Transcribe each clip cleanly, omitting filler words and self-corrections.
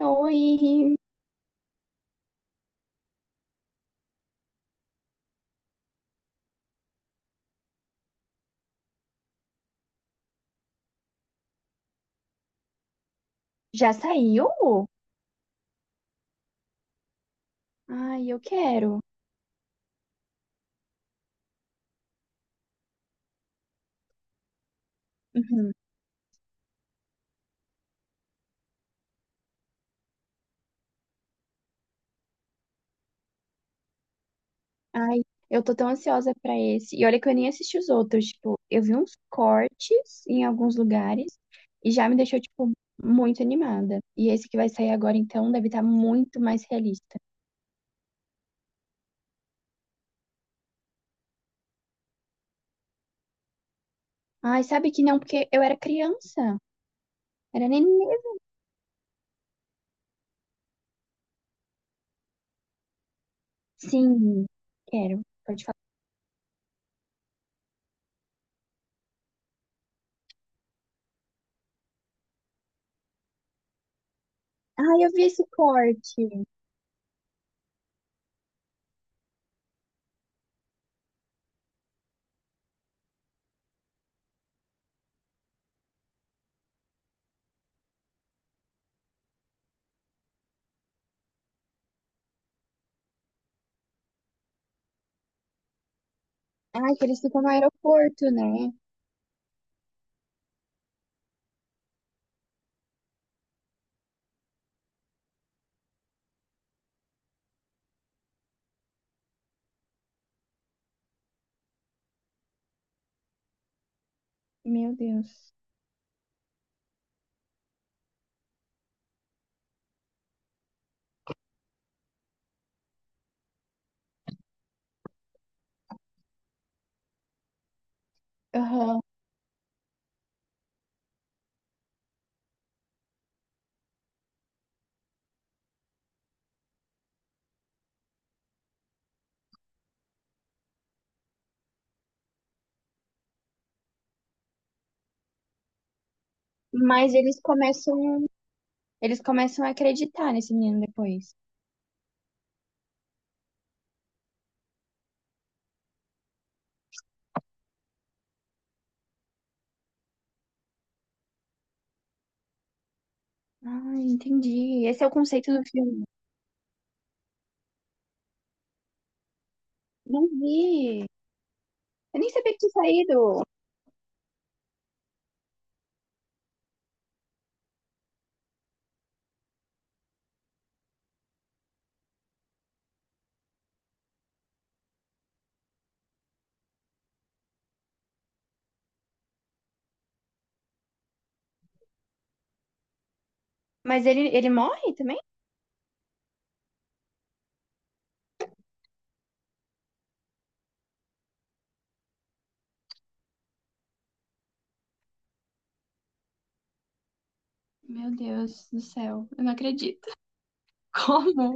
Oi, já saiu? Ai, eu quero. Uhum. Ai, eu tô tão ansiosa pra esse. E olha que eu nem assisti os outros, tipo, eu vi uns cortes em alguns lugares e já me deixou, tipo, muito animada. E esse que vai sair agora, então, deve estar muito mais realista. Ai, sabe que não, porque eu era criança, era neném. Sim, quero, pode falar. Ai, eu vi esse corte. Ai, que eles ficam no aeroporto, né? Meu Deus. Aham. Mas eles começam a acreditar nesse menino depois. Ah, entendi. Esse é o conceito do filme. Não vi. Eu nem sabia que tinha saído. Mas ele morre também? Meu Deus do céu, eu não acredito. Como?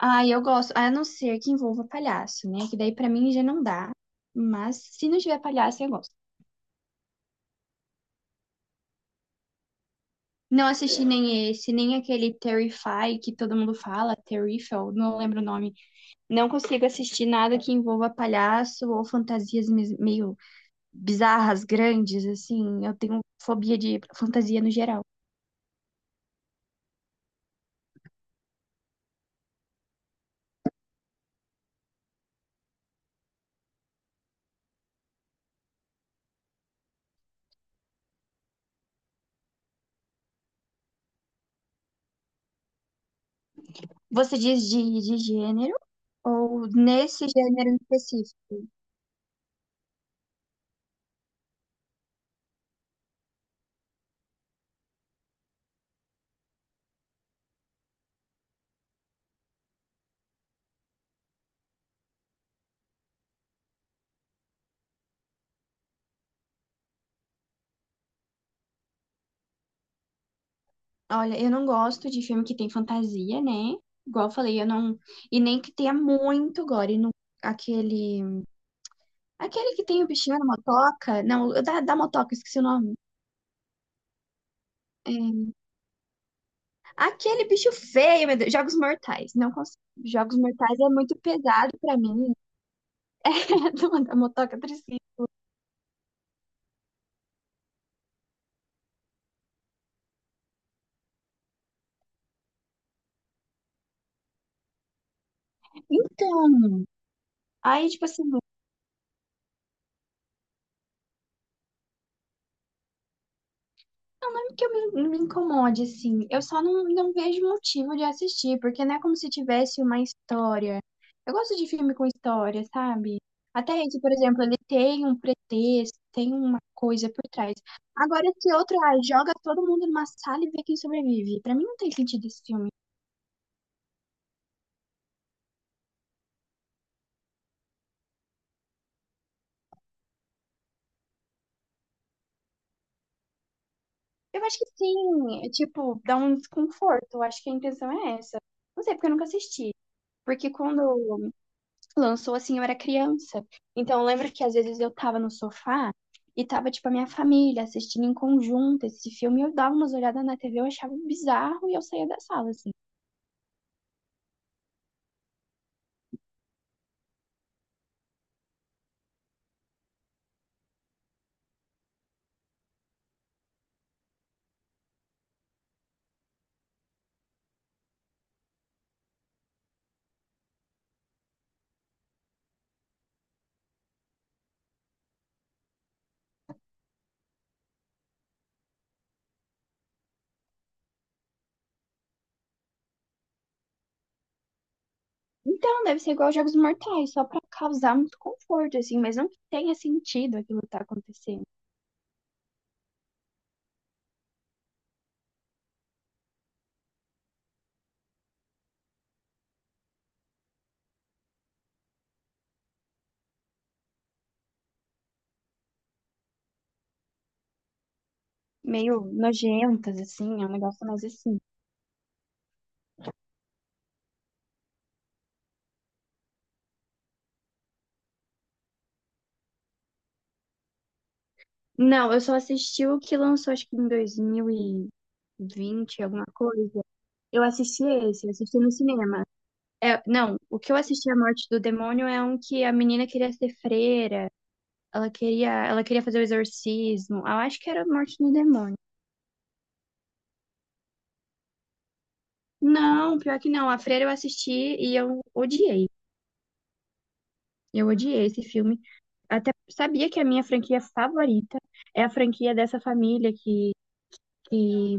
Ai, eu gosto. A não ser que envolva palhaço, né? Que daí pra mim já não dá. Mas se não tiver palhaço, eu gosto. Não assisti nem esse, nem aquele Terrify que todo mundo fala, Terrifiel, não lembro o nome. Não consigo assistir nada que envolva palhaço ou fantasias meio bizarras, grandes, assim. Eu tenho fobia de fantasia no geral. Você diz de gênero ou nesse gênero em específico? Olha, eu não gosto de filme que tem fantasia, né? Igual eu falei, eu não. E nem que tenha muito gore. E aquele. Aquele que tem o bichinho na motoca. Não, da motoca, esqueci o nome. É, aquele bicho feio, meu Deus. Jogos Mortais. Não consigo. Jogos Mortais é muito pesado pra mim. Da motoca triciclo. Então, aí, tipo assim, não, não é que eu me, não me incomode, assim. Eu só não, não vejo motivo de assistir, porque não é como se tivesse uma história. Eu gosto de filme com história, sabe? Até esse, por exemplo, ele tem um pretexto, tem uma coisa por trás. Agora, esse outro, ah, joga todo mundo numa sala e vê quem sobrevive. Pra mim não tem sentido esse filme. Eu acho que sim, é tipo, dá um desconforto. Eu acho que a intenção é essa. Não sei, porque eu nunca assisti. Porque quando lançou, assim, eu era criança. Então, eu lembro que às vezes eu tava no sofá e tava, tipo, a minha família assistindo em conjunto esse filme. Eu dava umas olhadas na TV, eu achava bizarro e eu saía da sala, assim. Então, deve ser igual aos Jogos Mortais, só pra causar muito conforto, assim, mas não que tenha sentido aquilo que tá acontecendo. Meio nojentas, assim, é um negócio mais assim. Não, eu só assisti o que lançou, acho que em 2020 alguma coisa. Eu assisti esse, eu assisti no cinema. É, não, o que eu assisti A Morte do Demônio é um que a menina queria ser freira, ela queria fazer o exorcismo. Ah, eu acho que era A Morte do Demônio. Não, pior que não. A Freira eu assisti e eu odiei. Eu odiei esse filme. Até sabia que a minha franquia favorita é a franquia dessa família que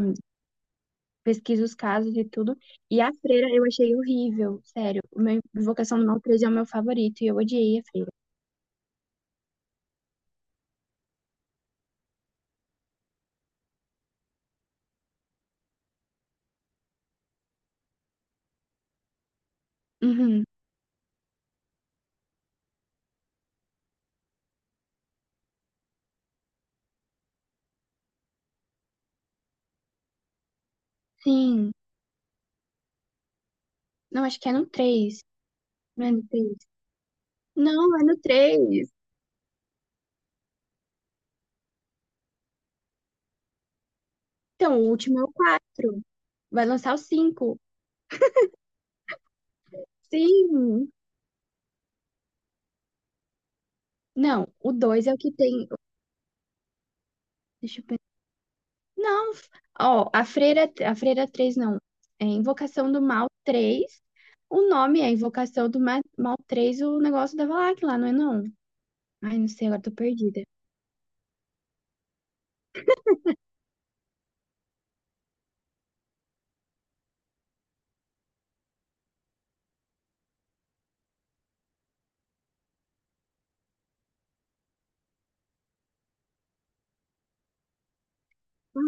pesquiso os casos e tudo. E a freira eu achei horrível, sério. O meu Invocação do Mal 3 é o meu favorito e eu odiei a freira. Uhum. Sim. Não, acho que é no 3. Não é no 3. Não, é no 3. Então, o último é o 4. Vai lançar o 5. Sim. Não, o 2 é o que tem. Deixa eu pensar. Não. Ó, a freira, a freira 3 não. É Invocação do Mal 3. O nome é Invocação do Mal 3, o negócio da Valak lá, não é não? Ai, não sei, agora tô perdida.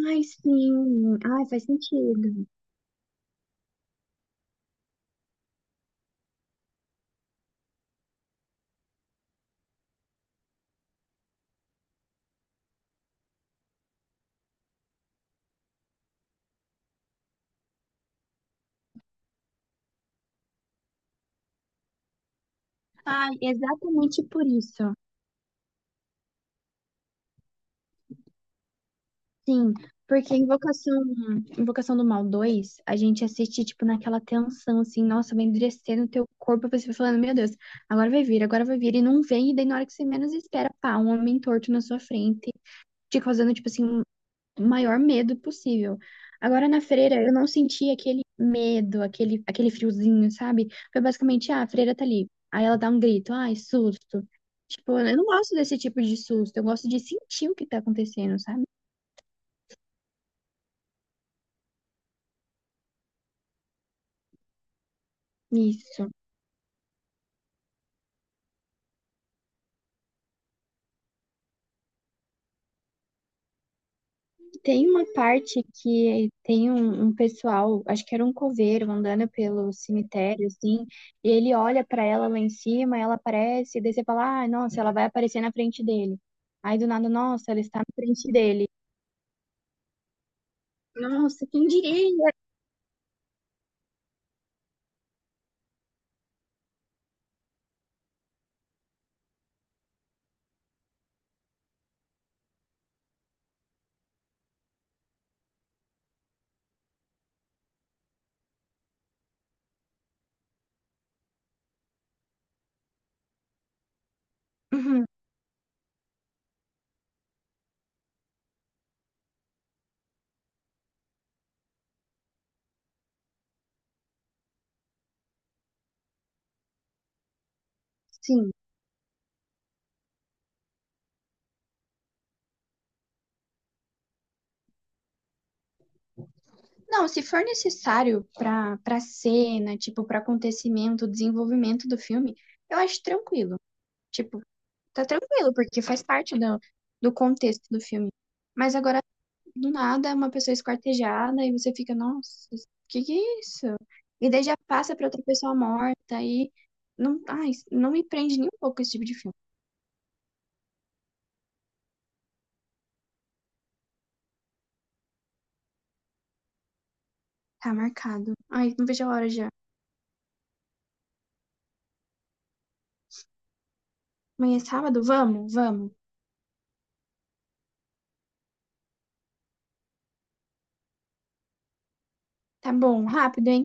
Ai, sim. Ai, faz sentido. Ai, exatamente por isso. Sim, porque Invocação, Invocação do Mal 2 a gente assiste, tipo, naquela tensão, assim, nossa, vai endurecer no teu corpo, você vai falando, meu Deus, agora vai vir, e não vem, e daí na hora que você menos espera, pá, um homem torto na sua frente, te causando, tipo assim, o maior medo possível. Agora na freira eu não senti aquele medo, aquele, aquele friozinho, sabe? Foi basicamente, ah, a freira tá ali. Aí ela dá um grito, ai, susto. Tipo, eu não gosto desse tipo de susto, eu gosto de sentir o que tá acontecendo, sabe? Isso. Tem uma parte que tem um, um pessoal, acho que era um coveiro, andando pelo cemitério, assim, e ele olha pra ela lá em cima, ela aparece, e daí você fala, ah, nossa, ela vai aparecer na frente dele. Aí do nada, nossa, ela está na frente dele. Nossa, quem diria? Uhum. Sim. Não, se for necessário para cena, tipo, para acontecimento, desenvolvimento do filme, eu acho tranquilo. Tipo, tá tranquilo, porque faz parte do contexto do filme. Mas agora, do nada, uma pessoa esquartejada e você fica, nossa, que é isso? E daí já passa pra outra pessoa morta e não, ai, não me prende nem um pouco esse tipo de filme. Tá marcado. Ai, não vejo a hora já. Amanhã é sábado? Vamos, vamos. Tá bom, rápido, hein?